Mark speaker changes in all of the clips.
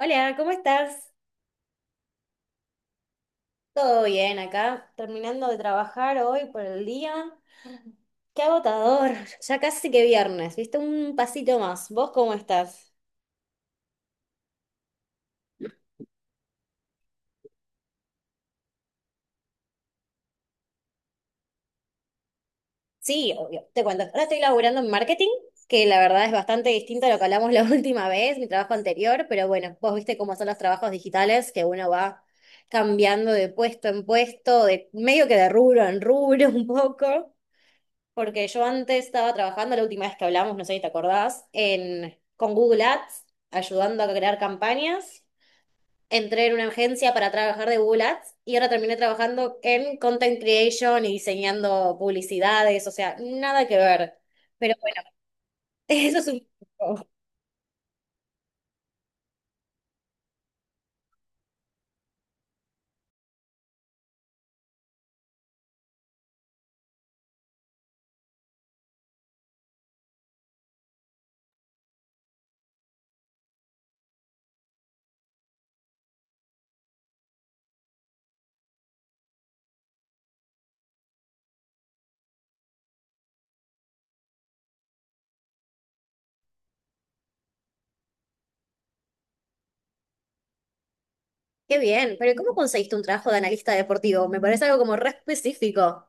Speaker 1: Hola, ¿cómo estás? ¿Todo bien acá? Terminando de trabajar hoy por el día. Qué agotador, ya casi que viernes, ¿viste? Un pasito más. ¿Vos cómo estás? Sí, obvio, te cuento. Ahora estoy laburando en marketing, que la verdad es bastante distinto a lo que hablamos la última vez, mi trabajo anterior, pero bueno, vos viste cómo son los trabajos digitales, que uno va cambiando de puesto en puesto, de medio que de rubro en rubro un poco. Porque yo antes estaba trabajando, la última vez que hablamos, no sé si te acordás, con Google Ads, ayudando a crear campañas. Entré en una agencia para trabajar de Google Ads y ahora terminé trabajando en content creation y diseñando publicidades, o sea, nada que ver. Pero bueno, eso es un poco. Qué bien, pero ¿cómo conseguiste un trabajo de analista deportivo? Me parece algo como re específico.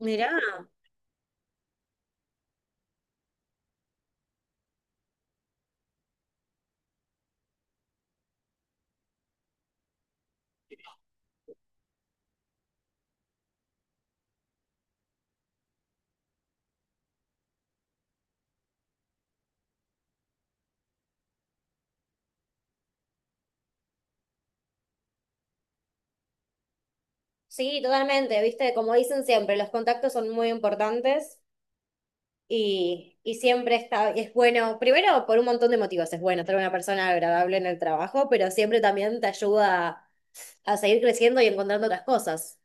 Speaker 1: Mirá. Sí, totalmente, viste, como dicen siempre, los contactos son muy importantes. Y siempre es bueno, primero por un montón de motivos, es bueno ser una persona agradable en el trabajo, pero siempre también te ayuda a seguir creciendo y encontrando otras cosas.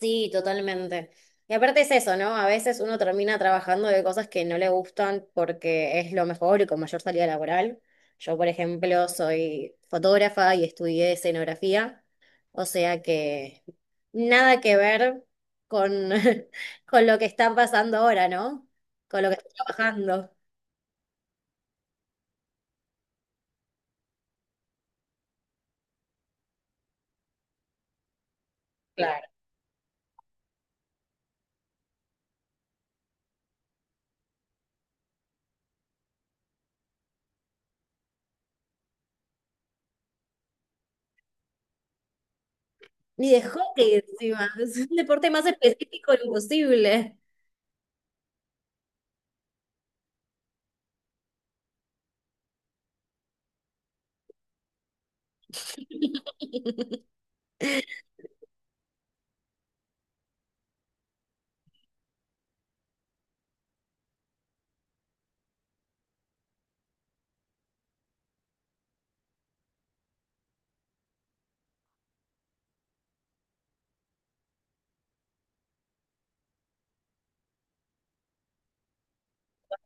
Speaker 1: Sí, totalmente. Y aparte es eso, ¿no? A veces uno termina trabajando de cosas que no le gustan porque es lo mejor y con mayor salida laboral. Yo, por ejemplo, soy fotógrafa y estudié escenografía, o sea que nada que ver con, con lo que está pasando ahora, ¿no? Con lo que estoy trabajando. Claro. Ni de hockey encima, es un deporte más específico imposible.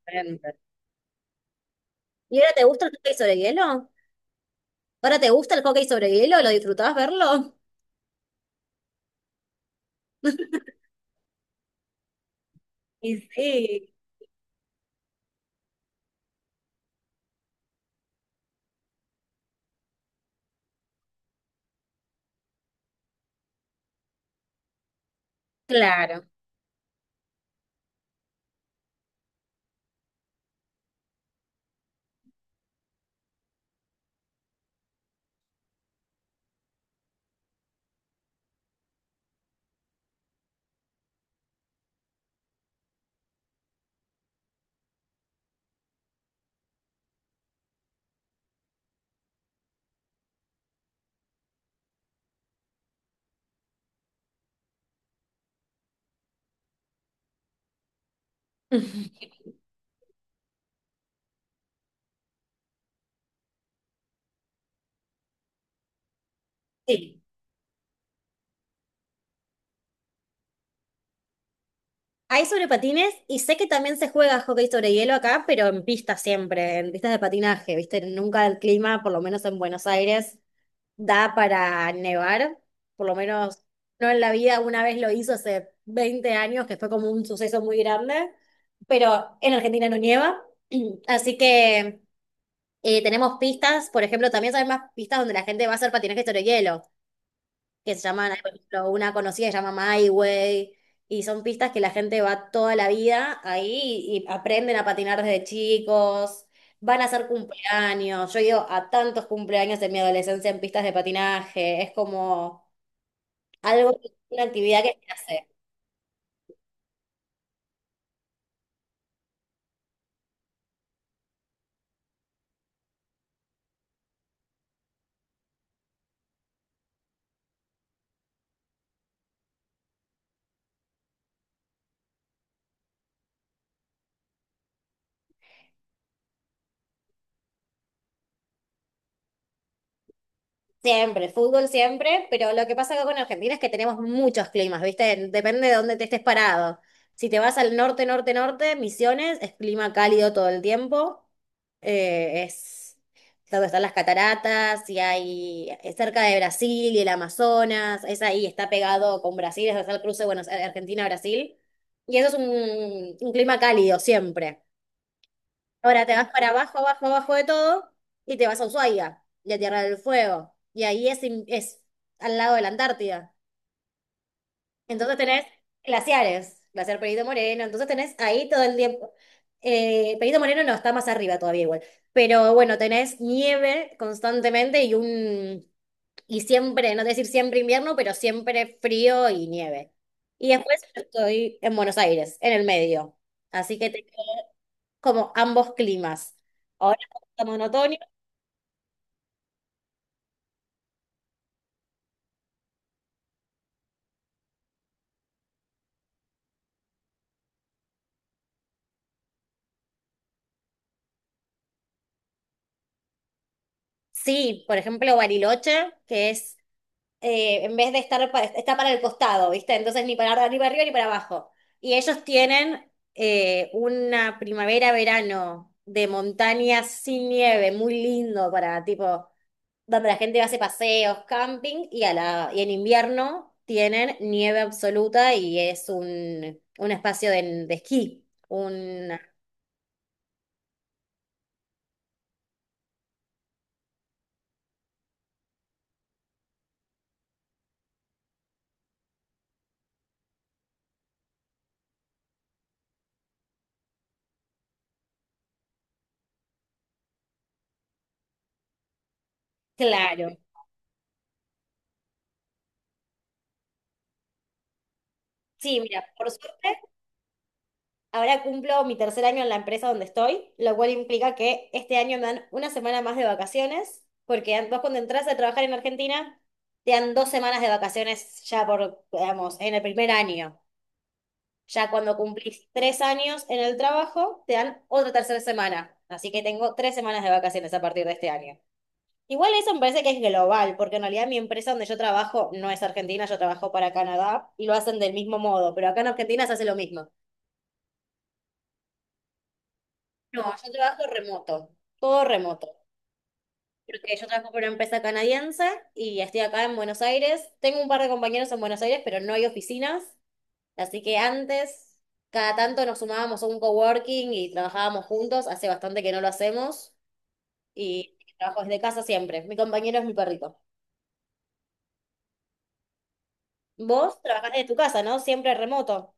Speaker 1: Diferente. ¿Y ahora te gusta el hockey sobre hielo? ¿Ahora te gusta el hockey sobre hielo? ¿Lo disfrutabas verlo? Y sí. Claro. Sí. Hay sobre patines y sé que también se juega hockey sobre hielo acá, pero en pistas siempre, en pistas de patinaje, ¿viste? Nunca el clima, por lo menos en Buenos Aires, da para nevar, por lo menos no en la vida, una vez lo hizo hace 20 años, que fue como un suceso muy grande, pero en Argentina no nieva, así que tenemos pistas, por ejemplo, también sabemos más pistas donde la gente va a hacer patinaje sobre hielo, que se llaman, hay, por ejemplo, una conocida que se llama My Way, y son pistas que la gente va toda la vida ahí y aprenden a patinar desde chicos, van a hacer cumpleaños. Yo he ido a tantos cumpleaños en mi adolescencia en pistas de patinaje, es como algo, una actividad que se hace. Siempre, fútbol siempre, pero lo que pasa acá con Argentina es que tenemos muchos climas, ¿viste? Depende de dónde te estés parado. Si te vas al norte, norte, norte, Misiones, es clima cálido todo el tiempo. Es donde están las cataratas y hay es cerca de Brasil y el Amazonas, es ahí, está pegado con Brasil, es donde está el cruce, bueno, Argentina-Brasil. Y eso es un clima cálido siempre. Ahora te vas para abajo, abajo, abajo de todo y te vas a Ushuaia y a Tierra del Fuego. Y ahí es al lado de la Antártida. Entonces tenés glaciares, glaciar Perito Moreno. Entonces tenés ahí todo el tiempo. Perito Moreno no, está más arriba todavía igual. Pero bueno, tenés nieve constantemente y un... Y siempre, no te decir siempre invierno, pero siempre frío y nieve. Y después yo estoy en Buenos Aires, en el medio. Así que como ambos climas. Ahora estamos en otoño. Sí, por ejemplo, Bariloche, que es, en vez de estar, está para el costado, ¿viste? Entonces ni para arriba, ni para abajo. Y ellos tienen una primavera-verano de montañas sin nieve, muy lindo para, tipo, donde la gente hace paseos, camping, y, y en invierno tienen nieve absoluta y es un espacio de esquí. Claro. Sí, mira, por suerte. Ahora cumplo mi tercer año en la empresa donde estoy, lo cual implica que este año me dan una semana más de vacaciones, porque vos cuando entras a trabajar en Argentina, te dan dos semanas de vacaciones ya por, digamos, en el primer año. Ya cuando cumplís tres años en el trabajo, te dan otra tercera semana. Así que tengo tres semanas de vacaciones a partir de este año. Igual eso me parece que es global, porque en realidad mi empresa donde yo trabajo no es Argentina, yo trabajo para Canadá y lo hacen del mismo modo, pero acá en Argentina se hace lo mismo. No, yo trabajo remoto, todo remoto, porque yo trabajo para una empresa canadiense y estoy acá en Buenos Aires. Tengo un par de compañeros en Buenos Aires, pero no hay oficinas, así que antes cada tanto nos sumábamos a un coworking y trabajábamos juntos, hace bastante que no lo hacemos y trabajo desde casa siempre. Mi compañero es mi perrito. Vos trabajás desde tu casa, ¿no? Siempre remoto.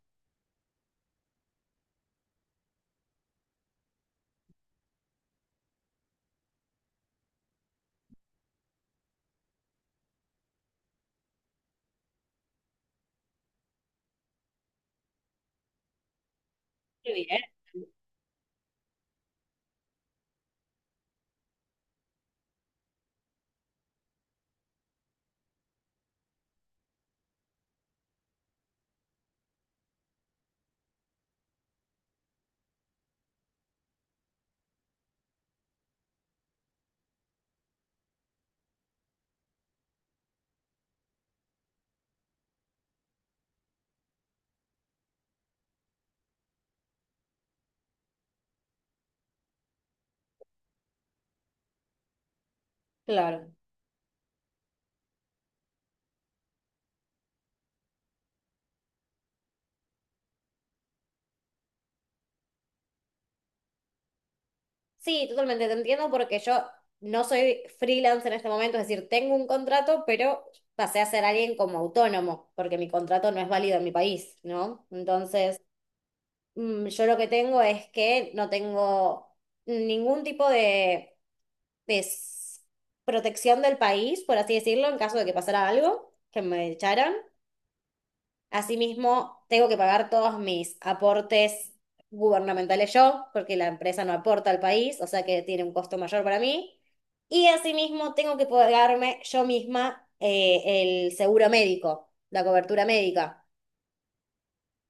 Speaker 1: Qué bien. Claro. Sí, totalmente, te entiendo porque yo no soy freelance en este momento, es decir, tengo un contrato, pero pasé a ser alguien como autónomo, porque mi contrato no es válido en mi país, ¿no? Entonces, yo lo que tengo es que no tengo ningún tipo de protección del país, por así decirlo, en caso de que pasara algo, que me echaran. Asimismo, tengo que pagar todos mis aportes gubernamentales yo, porque la empresa no aporta al país, o sea que tiene un costo mayor para mí. Y asimismo, tengo que pagarme yo misma el seguro médico, la cobertura médica.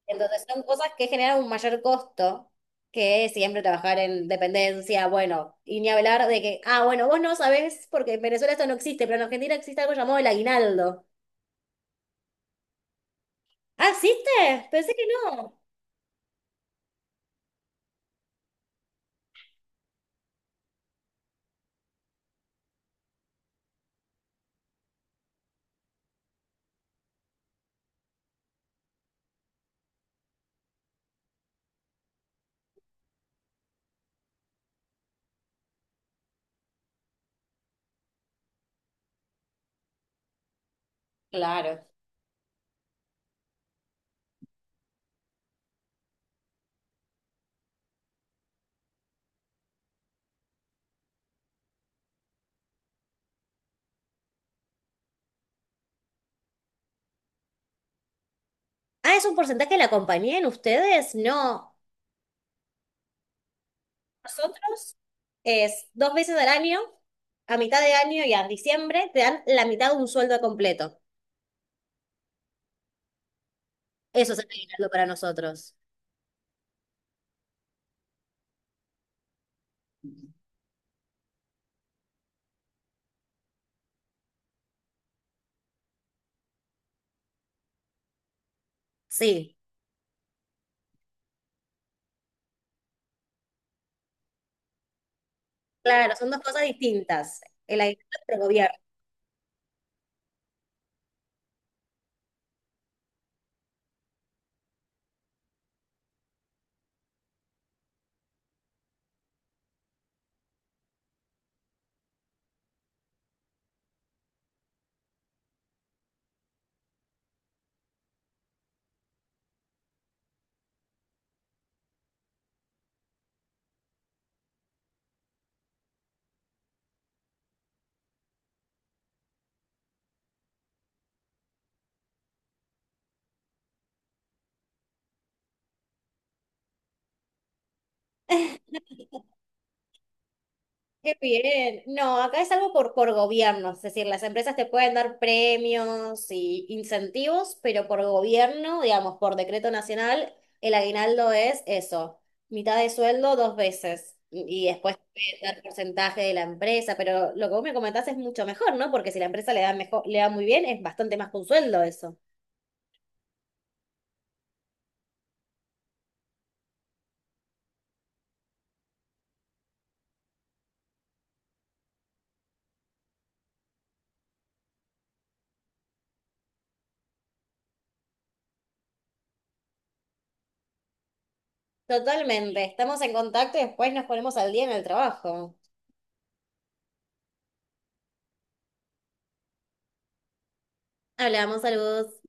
Speaker 1: Entonces, son cosas que generan un mayor costo que siempre trabajar en dependencia, bueno, y ni hablar de que, ah, bueno, vos no sabés, porque en Venezuela esto no existe, pero en Argentina existe algo llamado el aguinaldo. ¿Ah, existe? Pensé que no. Claro. Ah, es un porcentaje de la compañía en ustedes. No, nosotros es dos veces al año, a mitad de año y a diciembre, te dan la mitad de un sueldo completo. Eso es el aguinaldo para nosotros. Sí, claro, son dos cosas distintas. El aguinaldo es del. Qué bien. No, acá es algo por gobiernos, es decir, las empresas te pueden dar premios y incentivos, pero por gobierno, digamos, por decreto nacional, el aguinaldo es eso, mitad de sueldo dos veces y después te pueden dar porcentaje de la empresa, pero lo que vos me comentás es mucho mejor, ¿no? Porque si la empresa le da mejor, le da muy bien, es bastante más que un sueldo eso. Totalmente, estamos en contacto y después nos ponemos al día en el trabajo. Hablamos, saludos.